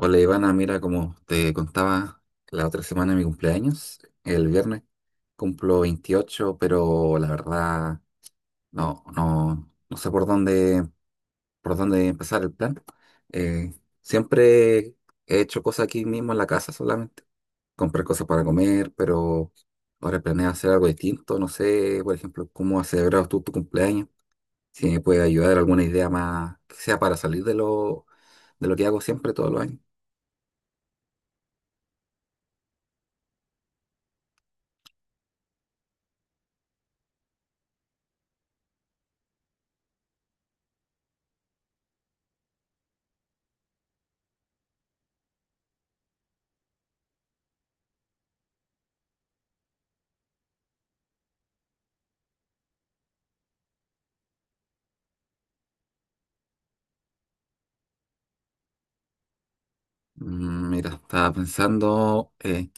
Hola Ivana, mira, como te contaba la otra semana de mi cumpleaños, el viernes, cumplo 28, pero la verdad no sé por dónde empezar el plan. Eh, Siempre he hecho cosas aquí mismo en la casa solamente, comprar cosas para comer, pero ahora planeo hacer algo distinto, no sé, por ejemplo, cómo has celebrado tú tu cumpleaños, si me puede ayudar alguna idea más que sea para salir de lo que hago siempre todos los años. Mm, mira, estaba pensando,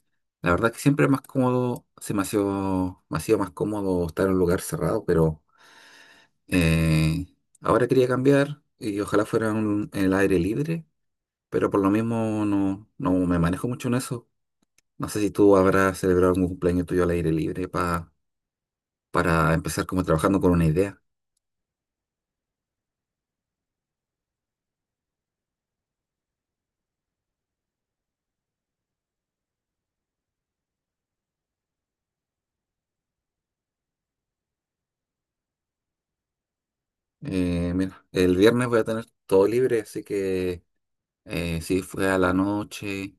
la verdad que siempre es más cómodo, se me ha sido más cómodo estar en un lugar cerrado, pero eh, ahora quería cambiar y ojalá fuera en el aire libre, pero por lo mismo no me manejo mucho en eso. No sé si tú habrás celebrado algún cumpleaños tuyo al aire libre para empezar como trabajando con una idea. Mira, el viernes voy a tener todo libre, así que sí, fue a la noche,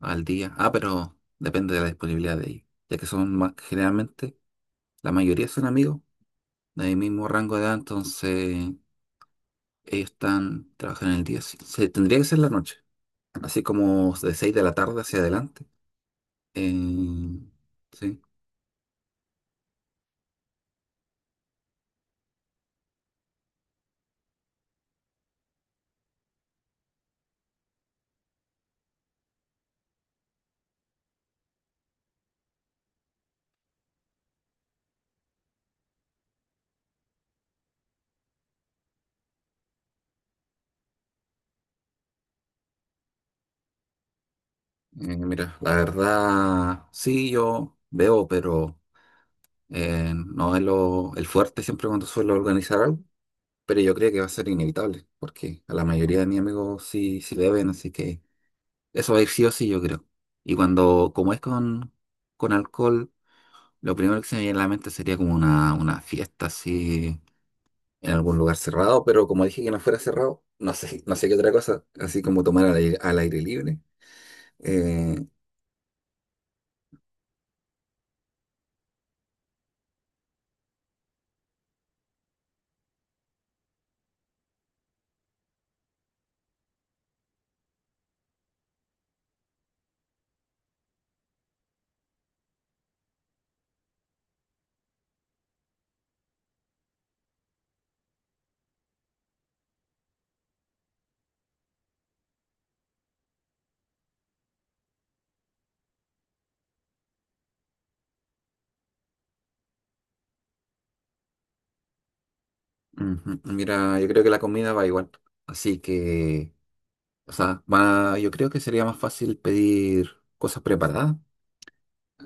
al día. Ah, pero depende de la disponibilidad de ellos. Ya que son más, generalmente, la mayoría son amigos del mismo rango de edad, entonces ellos están trabajando en el día. Sí, se, tendría que ser la noche, así como de 6 de la tarde hacia adelante. Eh, sí, Mira, la verdad, sí, yo veo, pero no es lo, el fuerte siempre cuando suelo organizar algo. Pero yo creo que va a ser inevitable, porque a la mayoría de mis amigos sí beben, así que eso va a ir sí o sí, yo creo. Y cuando, como es con alcohol, lo primero que se me viene a la mente sería como una fiesta así en algún lugar cerrado, pero como dije que no fuera cerrado, no sé, no sé qué otra cosa, así como tomar al aire libre. Eh, ujú, mira, yo creo que la comida va igual, así que, o sea, yo creo que sería más fácil pedir cosas preparadas.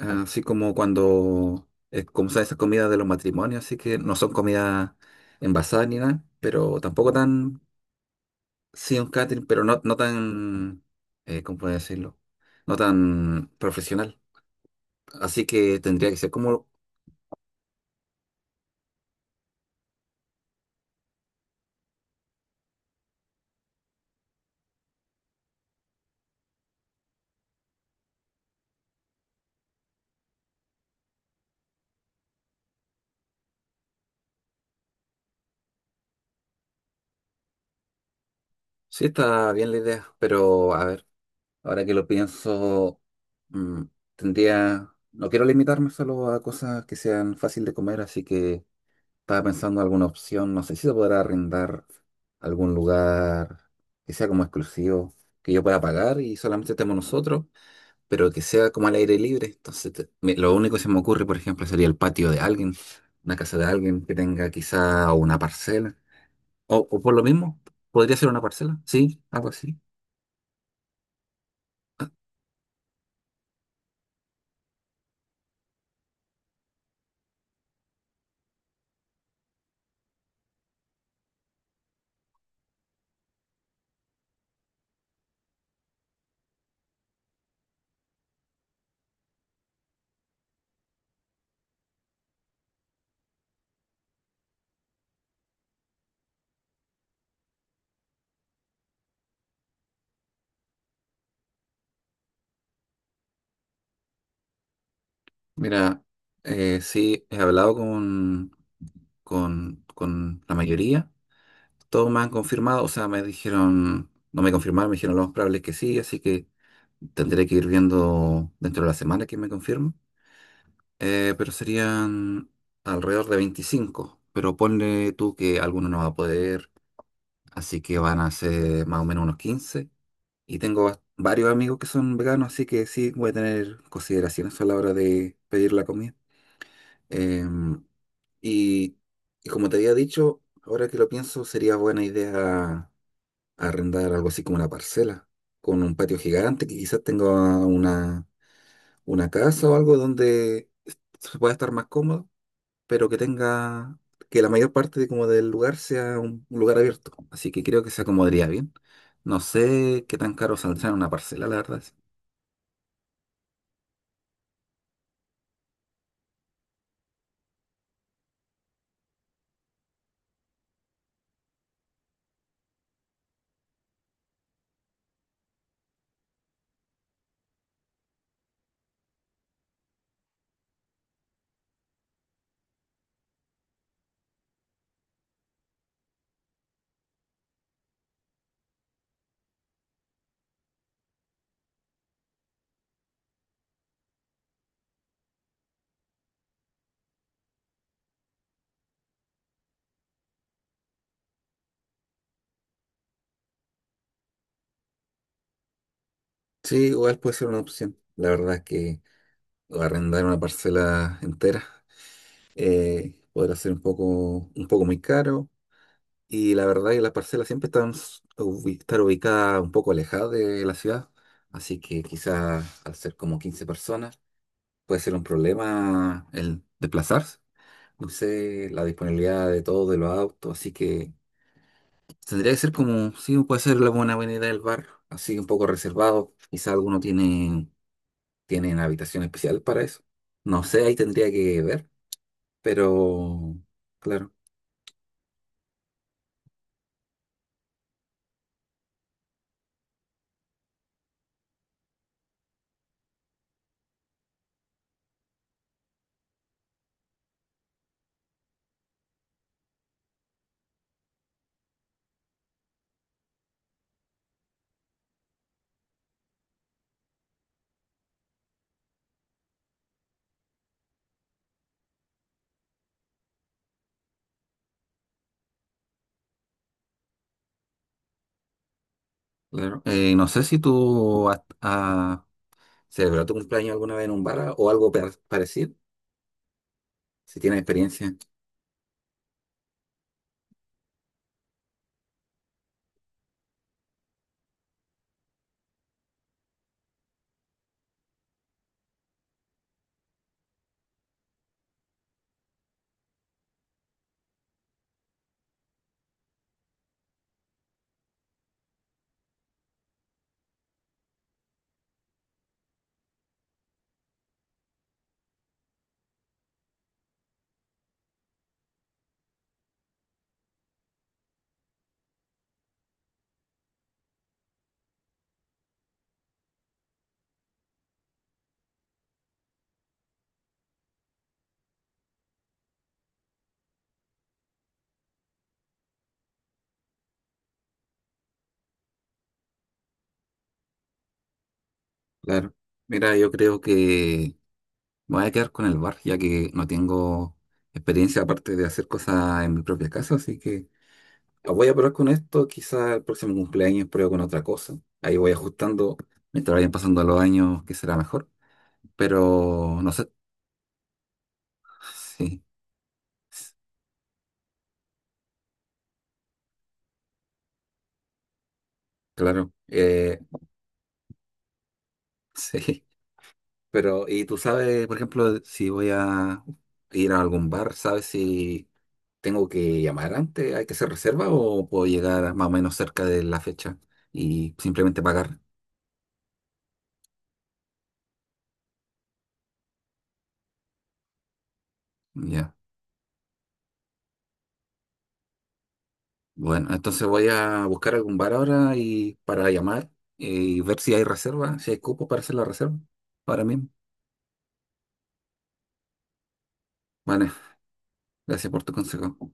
Ah, así como cuando, como son esas comidas de los matrimonios, así que no son comidas envasadas ni nada, pero tampoco tan, sí, un catering, pero no tan, ¿cómo puedo decirlo? No tan profesional. Así que tendría que ser como, sí, está bien la idea, pero a ver, ahora que lo pienso, mm, tendría, no quiero limitarme solo a cosas que sean fácil de comer, así que estaba pensando en alguna opción, no sé si se podrá arrendar algún lugar que sea como exclusivo, que yo pueda pagar y solamente estemos nosotros, pero que sea como al aire libre. Entonces, lo único que se me ocurre, por ejemplo, sería el patio de alguien, una casa de alguien que tenga quizá una parcela, o por lo mismo, podría ser una parcela, sí, algo así. Mira, sí, he hablado con la mayoría. Todos me han confirmado, o sea, me dijeron, no me confirmaron, me dijeron lo más probable es que sí, así que tendré que ir viendo dentro de la semana que me confirmo. Pero serían alrededor de 25, pero ponle tú que alguno no va a poder, así que van a ser más o menos unos 15. Y tengo varios amigos que son veganos, así que sí, voy a tener consideraciones a la hora de pedir la comida. Em, y, y como te había dicho, ahora que lo pienso, sería buena idea arrendar algo así como una parcela, con un patio gigante que quizás tenga una, una casa o algo donde se pueda estar más cómodo, pero que tenga, que la mayor parte de, como del lugar sea un lugar abierto. Así que creo que se acomodaría bien. No sé qué tan caro saldrá una parcela, la verdad. Sí, igual puede ser una opción. La verdad es que arrendar una parcela entera podrá ser un poco muy caro. Y la verdad que las parcelas siempre están estar ubicadas un poco alejadas de la ciudad, así que quizás al ser como 15 personas puede ser un problema el desplazarse. No sé la disponibilidad de todos de los autos, así que tendría que ser como, sí, puede ser la buena avenida del bar, así un poco reservado. Quizás algunos tienen habitación especial para eso. No sé, ahí tendría que ver, pero claro, claro. No sé si tú has, ¿celebró tu cumpleaños alguna vez en un bar o algo parecido? Si tienes experiencia, claro. Mira, yo creo que me voy a quedar con el bar, ya que no tengo experiencia aparte de hacer cosas en mi propia casa, así que voy a probar con esto. Quizá el próximo cumpleaños pruebo con otra cosa. Ahí voy ajustando mientras vayan pasando los años, que será mejor. Pero no sé, sí, s- claro. Sí. Pero, y tú sabes, por ejemplo, si voy a ir a algún bar, ¿sabes si tengo que llamar antes, hay que hacer reserva o puedo llegar más o menos cerca de la fecha y simplemente pagar? Ya. Bueno, entonces voy a buscar algún bar ahora y para llamar y ver si hay reserva, si hay cupo para hacer la reserva ahora mismo. Vale, gracias por tu consejo.